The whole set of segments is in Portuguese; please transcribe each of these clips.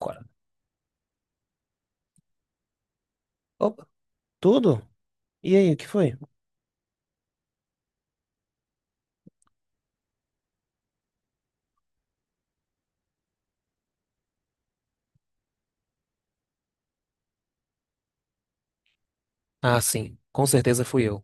Agora. Opa, tudo? E aí, o que foi? Ah, sim, com certeza fui eu.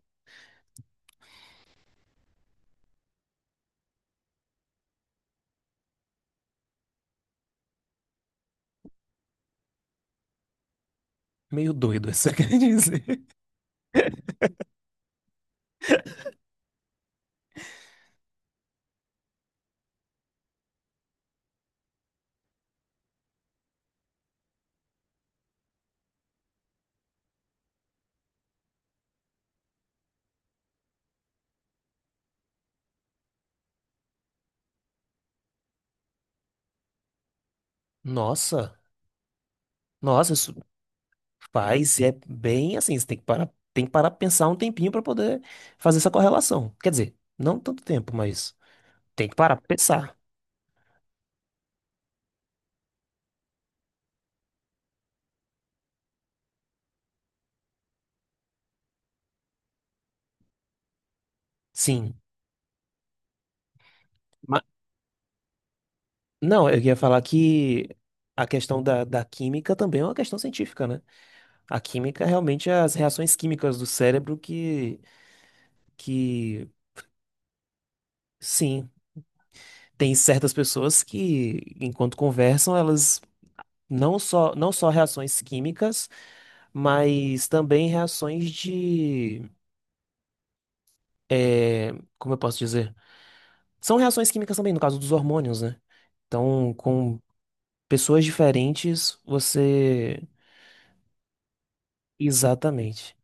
Meio doido, isso quer dizer. Nossa, nossa, isso faz, é bem assim, você tem que parar pra pensar um tempinho pra poder fazer essa correlação. Quer dizer, não tanto tempo, mas tem que parar pra pensar. Sim. Ma- não, eu ia falar que a questão da química também é uma questão científica, né? A química realmente é as reações químicas do cérebro que, sim. Tem certas pessoas que, enquanto conversam, elas não só reações químicas, mas também reações de, é, como eu posso dizer? São reações químicas também, no caso dos hormônios, né? Então, com pessoas diferentes, você. Exatamente.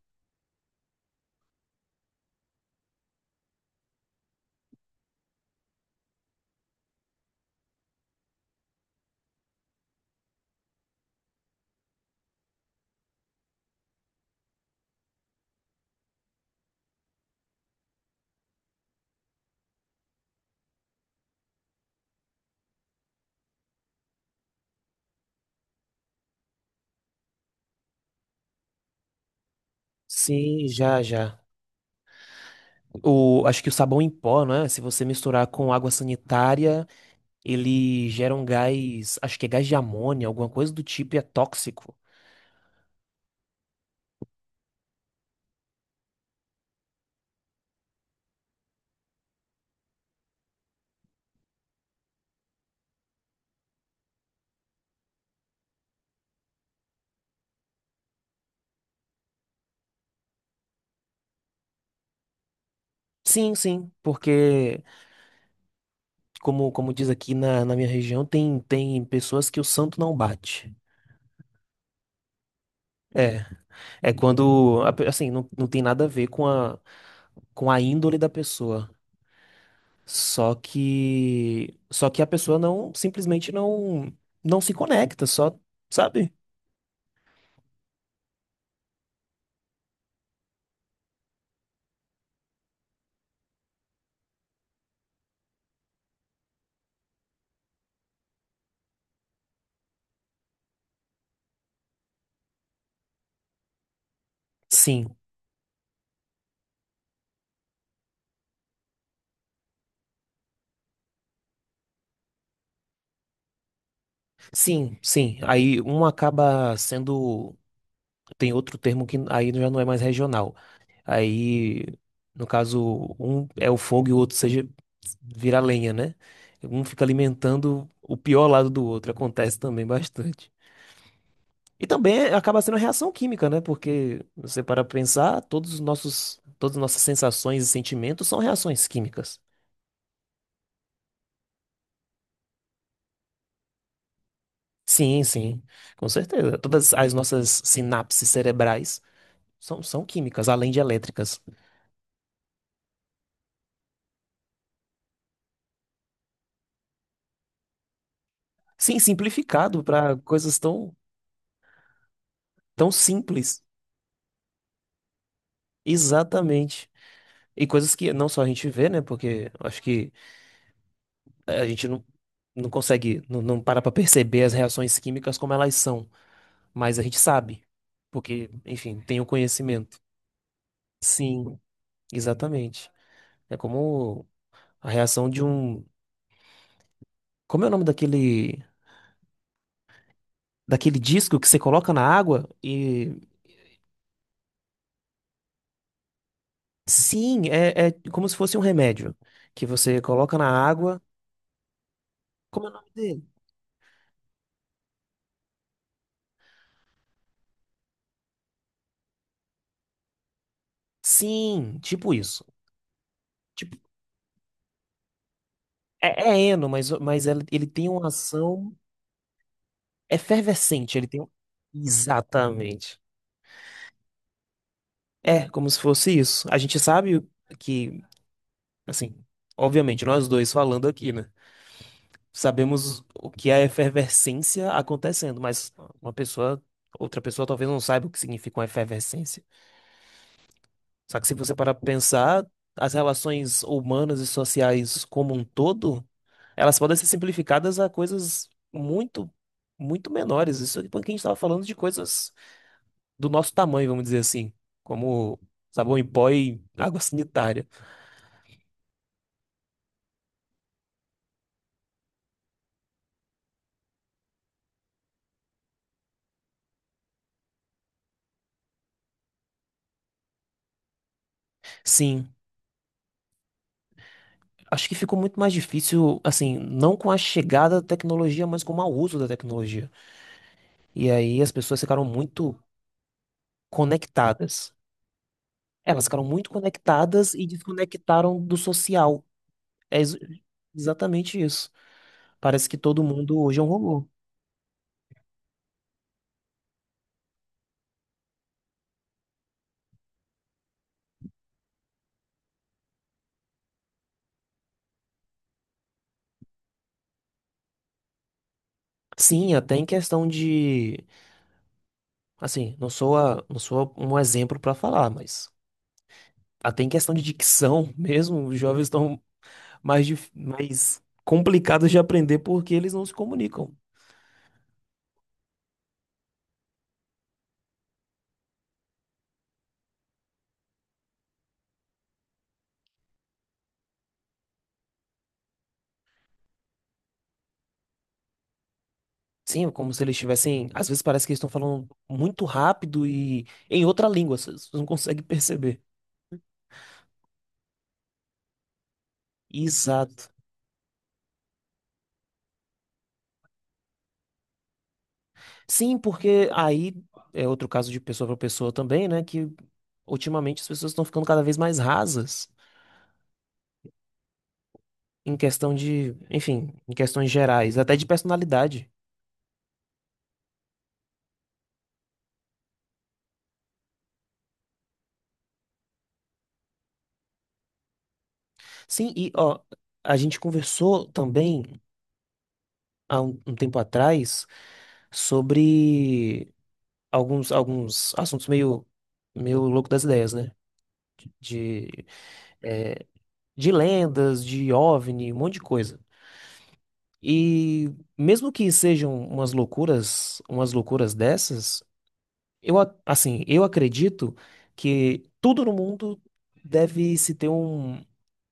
Sim, já, já. O, acho que o sabão em pó, né? Se você misturar com água sanitária, ele gera um gás, acho que é gás de amônia, alguma coisa do tipo, e é tóxico. Sim, sim, porque como diz aqui na minha região, tem pessoas que o santo não bate. É, é quando, assim, não tem nada a ver com a índole da pessoa. Só que a pessoa não, simplesmente não se conecta, só, sabe? Sim, sim. Aí um acaba sendo, tem outro termo que aí já não é mais regional. Aí, no caso, um é o fogo e o outro seja vira lenha, né? Um fica alimentando o pior lado do outro. Acontece também bastante. E também acaba sendo reação química, né? Porque você para pensar, todas as nossas sensações e sentimentos são reações químicas. Sim, sim, com certeza. Todas as nossas sinapses cerebrais são químicas, além de elétricas. Sim, simplificado para coisas tão, tão simples. Exatamente. E coisas que não só a gente vê, né? Porque eu acho que a gente não, não consegue, não para pra perceber as reações químicas como elas são. Mas a gente sabe. Porque, enfim, tem o conhecimento. Sim, exatamente. É como a reação de um. Como é o nome daquele. Daquele disco que você coloca na água e. Sim, é, é como se fosse um remédio. Que você coloca na água. Como é o nome dele? Sim, tipo isso. Tipo, é, é eno, mas, mas ele tem uma ação. É efervescente, ele tem um... Exatamente. É, como se fosse isso. A gente sabe que, assim, obviamente, nós dois falando aqui, né? Sabemos o que é a efervescência acontecendo, mas uma pessoa, outra pessoa talvez não saiba o que significa uma efervescência. Só que se você parar para pensar, as relações humanas e sociais como um todo, elas podem ser simplificadas a coisas muito, muito menores. Isso é porque a gente estava falando de coisas do nosso tamanho, vamos dizer assim, como sabão em pó e água sanitária. Sim, acho que ficou muito mais difícil, assim, não com a chegada da tecnologia, mas com o mau uso da tecnologia. E aí as pessoas ficaram muito conectadas. Elas ficaram muito conectadas e desconectaram do social. É ex- Exatamente isso. Parece que todo mundo hoje é um robô. Sim, até em questão de, assim, não sou um exemplo para falar, mas até em questão de dicção mesmo, os jovens estão mais complicadas de aprender porque eles não se comunicam. Sim, é como se eles estivessem. Às vezes parece que eles estão falando muito rápido e em outra língua, você não consegue perceber. Exato. Sim, porque aí é outro caso de pessoa para pessoa também, né? Que ultimamente as pessoas estão ficando cada vez mais rasas em questão de, enfim, em questões gerais, até de personalidade. Sim, e ó, a gente conversou também há um tempo atrás sobre alguns assuntos meio, meio louco das ideias, né? De, é, de lendas, de OVNI, um monte de coisa. E mesmo que sejam umas loucuras dessas, assim, eu acredito que tudo no mundo deve se ter um,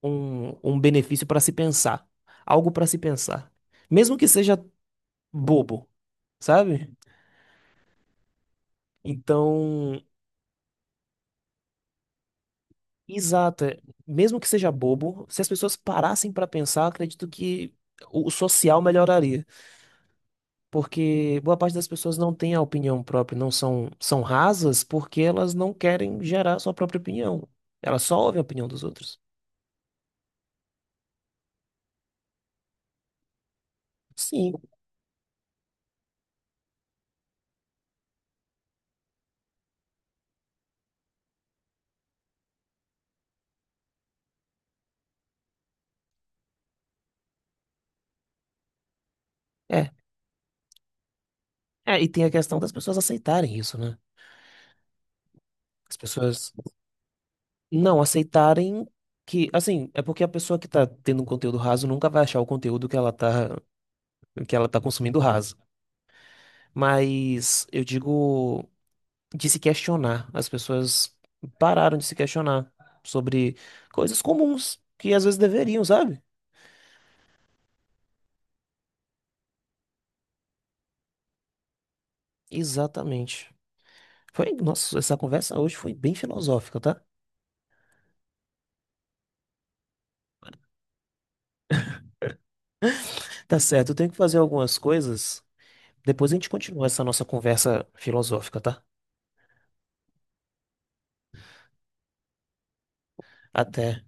um, um benefício para se pensar, algo para se pensar, mesmo que seja bobo, sabe? Então, exato. É. Mesmo que seja bobo, se as pessoas parassem para pensar, acredito que o social melhoraria, porque boa parte das pessoas não tem a opinião própria, não são rasas porque elas não querem gerar sua própria opinião. Elas só ouvem a opinião dos outros. Sim, é. É, e tem a questão das pessoas aceitarem isso, né? As pessoas não aceitarem que, assim, é porque a pessoa que tá tendo um conteúdo raso nunca vai achar o conteúdo que ela tá consumindo raso. Mas eu digo de se questionar. As pessoas pararam de se questionar sobre coisas comuns que às vezes deveriam, sabe? Exatamente. Foi, nossa, essa conversa hoje foi bem filosófica, tá? Tá certo, eu tenho que fazer algumas coisas. Depois a gente continua essa nossa conversa filosófica, tá? Até.